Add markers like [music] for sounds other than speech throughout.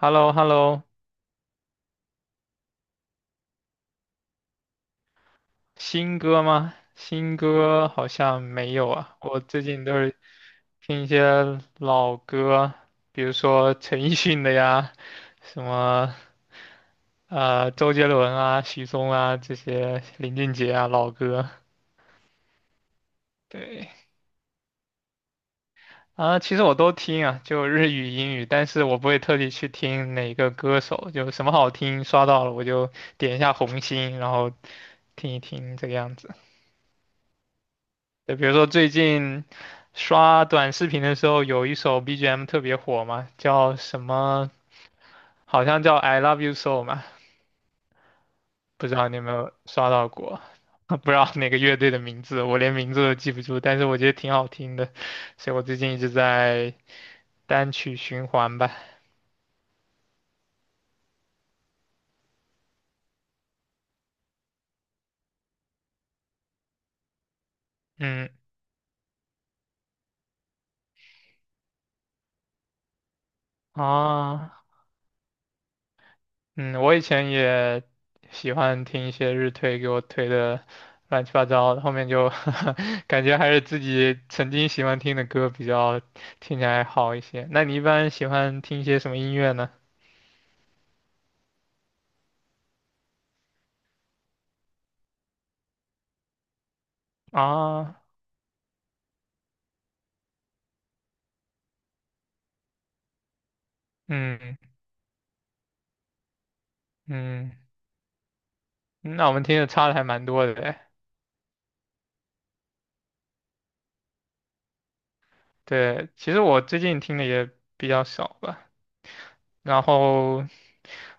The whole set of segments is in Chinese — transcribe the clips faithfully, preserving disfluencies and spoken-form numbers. h e l l o h e l l o 新歌吗？新歌好像没有啊，我最近都是听一些老歌，比如说陈奕迅的呀，什么呃周杰伦啊、许嵩啊这些，林俊杰啊老歌。对啊，其实我都听啊，就日语、英语，但是我不会特地去听哪个歌手，就什么好听刷到了我就点一下红心，然后听一听这个样子。就比如说最近刷短视频的时候，有一首 B G M 特别火嘛，叫什么？好像叫《I Love You So》嘛，不知道你有没有刷到过？[laughs] 不知道哪个乐队的名字，我连名字都记不住，但是我觉得挺好听的，所以我最近一直在单曲循环吧。嗯，啊，嗯，我以前也喜欢听一些日推给我推的乱七八糟的，后面就 [laughs] 感觉还是自己曾经喜欢听的歌比较听起来好一些。那你一般喜欢听一些什么音乐呢？啊，嗯嗯，那我们听的差的还蛮多的诶。对，其实我最近听的也比较少吧。然后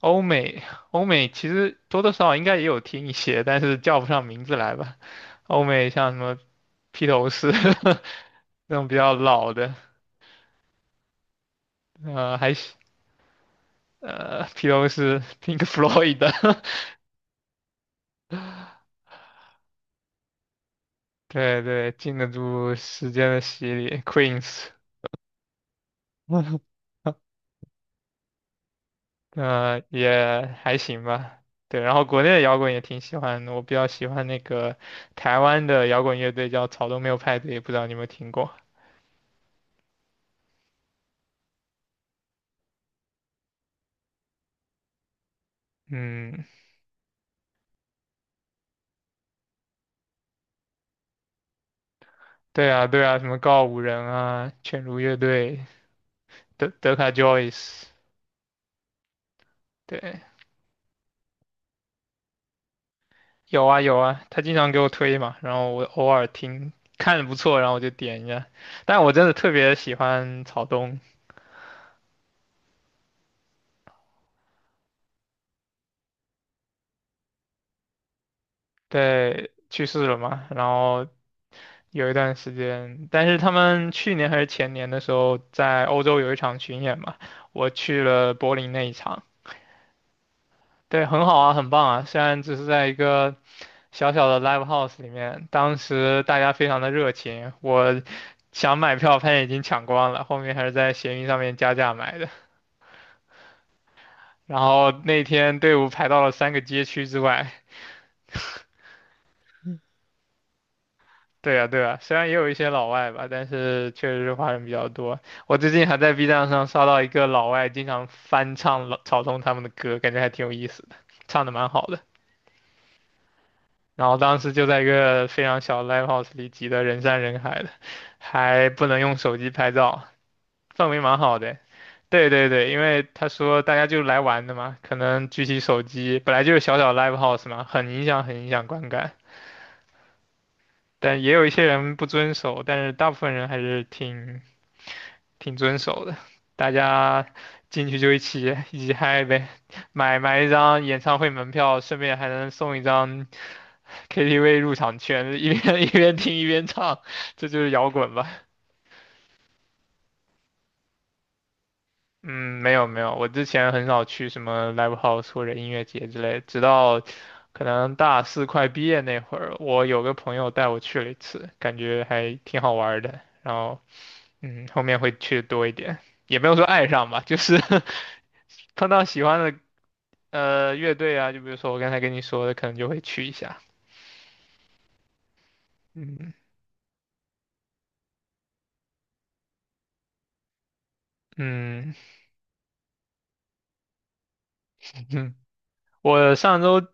欧美欧美其实多多少少应该也有听一些，但是叫不上名字来吧。欧美像什么披头士 [laughs] 那种比较老的，呃，还是呃披头士 Pink Floyd 的，[laughs] 对对，经得住时间的洗礼，Queens，[laughs] 呃，也还行吧。对，然后国内的摇滚也挺喜欢的，我比较喜欢那个台湾的摇滚乐队叫草东没有派对，不知道你有没有听过？嗯，对啊，对啊，什么告五人啊，犬儒乐队，德德卡 Joyce，对，有啊有啊，他经常给我推嘛，然后我偶尔听，看着不错，然后我就点一下。但我真的特别喜欢草东，对，去世了嘛，然后有一段时间，但是他们去年还是前年的时候，在欧洲有一场巡演嘛，我去了柏林那一场，对，很好啊，很棒啊，虽然只是在一个。小小的 live house 里面，当时大家非常的热情，我想买票，发现已经抢光了，后面还是在闲鱼上面加价买的。然后那天队伍排到了三个街区之外。对啊，对啊，虽然也有一些老外吧，但是确实是华人比较多。我最近还在 B 站上刷到一个老外经常翻唱老草东他们的歌，感觉还挺有意思的，唱的蛮好的。然后当时就在一个非常小的 live house 里挤得人山人海的，还不能用手机拍照。氛围蛮好的。对对对，因为他说大家就来玩的嘛，可能举起手机，本来就是小小 live house 嘛，很影响很影响观感。但也有一些人不遵守，但是大部分人还是挺挺遵守的。大家进去就一起一起嗨呗，买买一张演唱会门票，顺便还能送一张 K T V 入场券，一边 [laughs] 一边听一边唱，这就是摇滚吧。嗯，没有没有，我之前很少去什么 live house 或者音乐节之类，直到可能大四快毕业那会儿，我有个朋友带我去了一次，感觉还挺好玩儿的。然后，嗯，后面会去多一点，也没有说爱上吧，就是 [laughs] 碰到喜欢的呃乐队啊，就比如说我刚才跟你说的，可能就会去一下。嗯嗯嗯，[laughs] 我上周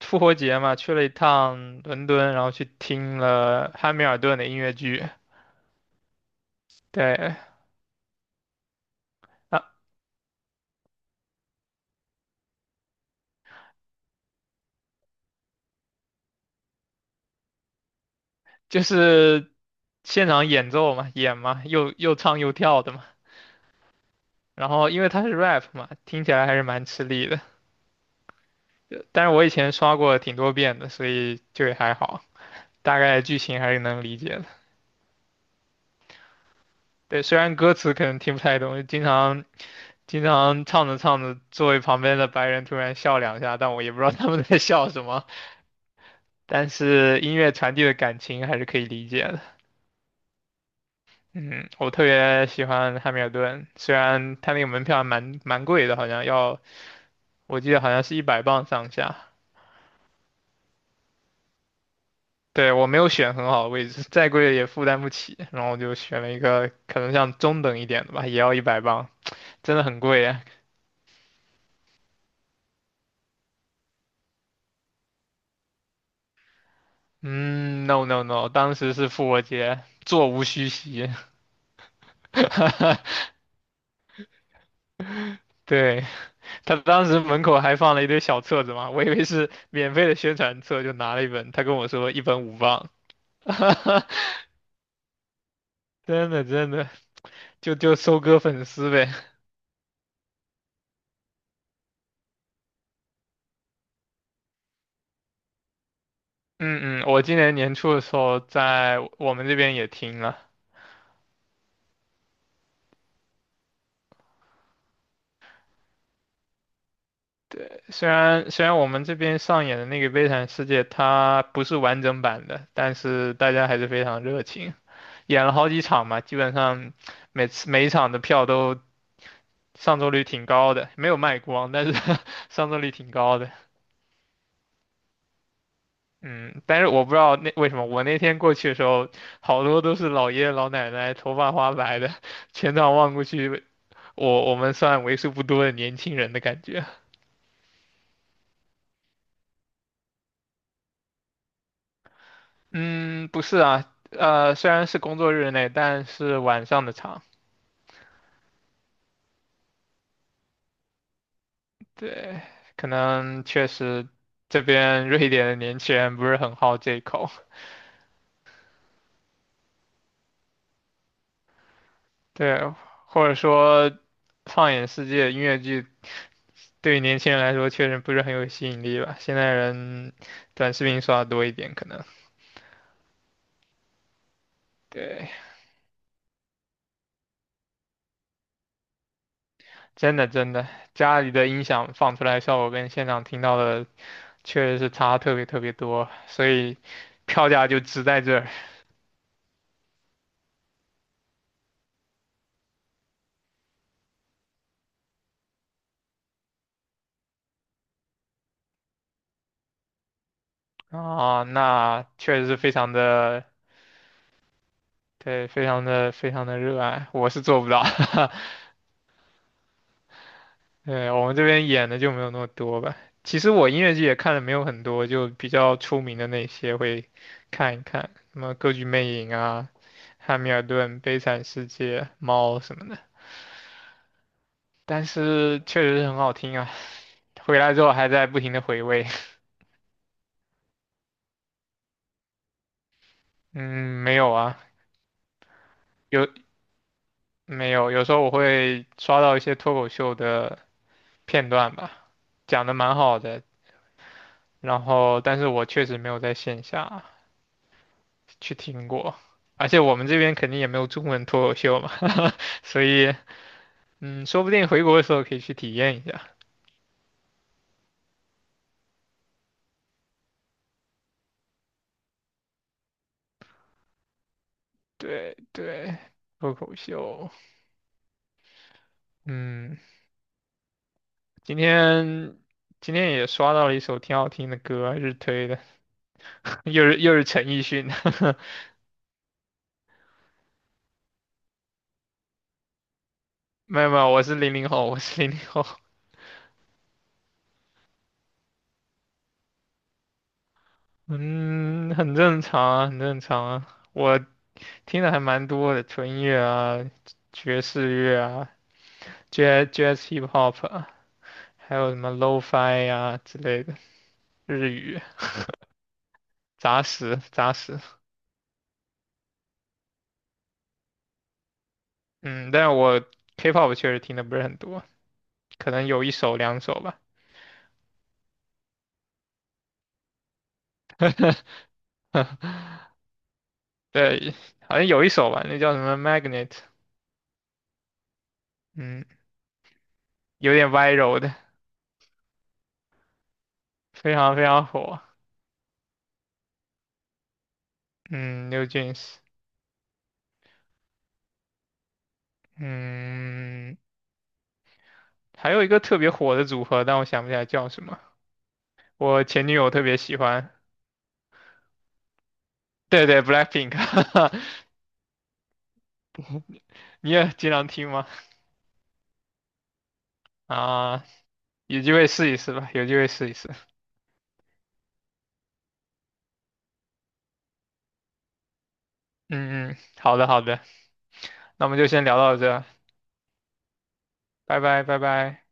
复活节嘛，去了一趟伦敦，然后去听了汉密尔顿的音乐剧，对。啊，就是现场演奏嘛，演嘛，又又唱又跳的嘛。然后因为他是 rap 嘛，听起来还是蛮吃力的。呃但是我以前刷过挺多遍的，所以就也还好，大概剧情还是能理解的。对，虽然歌词可能听不太懂，经常经常唱着唱着，座位旁边的白人突然笑两下，但我也不知道他们在笑什么。但是音乐传递的感情还是可以理解的。嗯，我特别喜欢汉密尔顿，虽然他那个门票还蛮蛮贵的，好像要我记得好像是一百磅上下。对，我没有选很好的位置，再贵也负担不起，然后我就选了一个可能像中等一点的吧，也要一百磅，真的很贵啊。嗯，no no no，当时是复活节，座无虚席。[laughs] 对，他当时门口还放了一堆小册子嘛，我以为是免费的宣传册，就拿了一本。他跟我说一本五磅，[laughs] 真的真的，就就收割粉丝呗。嗯嗯，我今年年初的时候在我们这边也听了。虽然虽然我们这边上演的那个《悲惨世界》它不是完整版的，但是大家还是非常热情，演了好几场嘛，基本上每次每一场的票都上座率挺高的，没有卖光，但是 [laughs] 上座率挺高的。嗯，但是我不知道那为什么，我那天过去的时候，好多都是老爷爷老奶奶，头发花白的，全场望过去，我我们算为数不多的年轻人的感觉。嗯，不是啊，呃，虽然是工作日内，但是晚上的场，对，可能确实这边瑞典的年轻人不是很好这一口，对，或者说放眼世界，音乐剧对于年轻人来说确实不是很有吸引力吧，现在人短视频刷的多一点，可能，对，真的真的，家里的音响放出来的效果跟现场听到的确实是差特别特别多，所以票价就值在这儿。啊，那确实是非常的，对，非常的非常的热爱，我是做不到，[laughs] 对，我们这边演的就没有那么多吧。其实我音乐剧也看的没有很多，就比较出名的那些会看一看，什么《歌剧魅影》啊、《汉密尔顿》《悲惨世界》《猫》什么的。但是确实是很好听啊，回来之后还在不停的回味。[laughs] 嗯，没有啊，有没有？有时候我会刷到一些脱口秀的片段吧，讲的蛮好的，然后但是我确实没有在线下去听过，而且我们这边肯定也没有中文脱口秀嘛，[laughs] 所以嗯，说不定回国的时候可以去体验一下。对对，脱口秀，嗯，今天今天也刷到了一首挺好听的歌，日推的，[laughs] 又是又是陈奕迅的，[laughs] 没有没有，我是零零后，我是零零后，嗯，很正常啊，很正常啊，我听的还蛮多的，纯音乐啊，爵士乐啊。jazz jazz hip hop，啊还有什么 lo-fi 呀之类的日语杂食杂食。嗯，但是我 K-pop 确实听的不是很多，可能有一首两首吧。[laughs] 对，好像有一首吧，那叫什么 Magnet，嗯，有点 viral 的，非常非常火。嗯，New Jeans，嗯，还有一个特别火的组合，但我想不起来叫什么。我前女友特别喜欢，对对，Blackpink，[laughs] 你也经常听吗？啊，有机会试一试吧，有机会试一试。嗯嗯，好的好的，那我们就先聊到这，拜拜拜拜。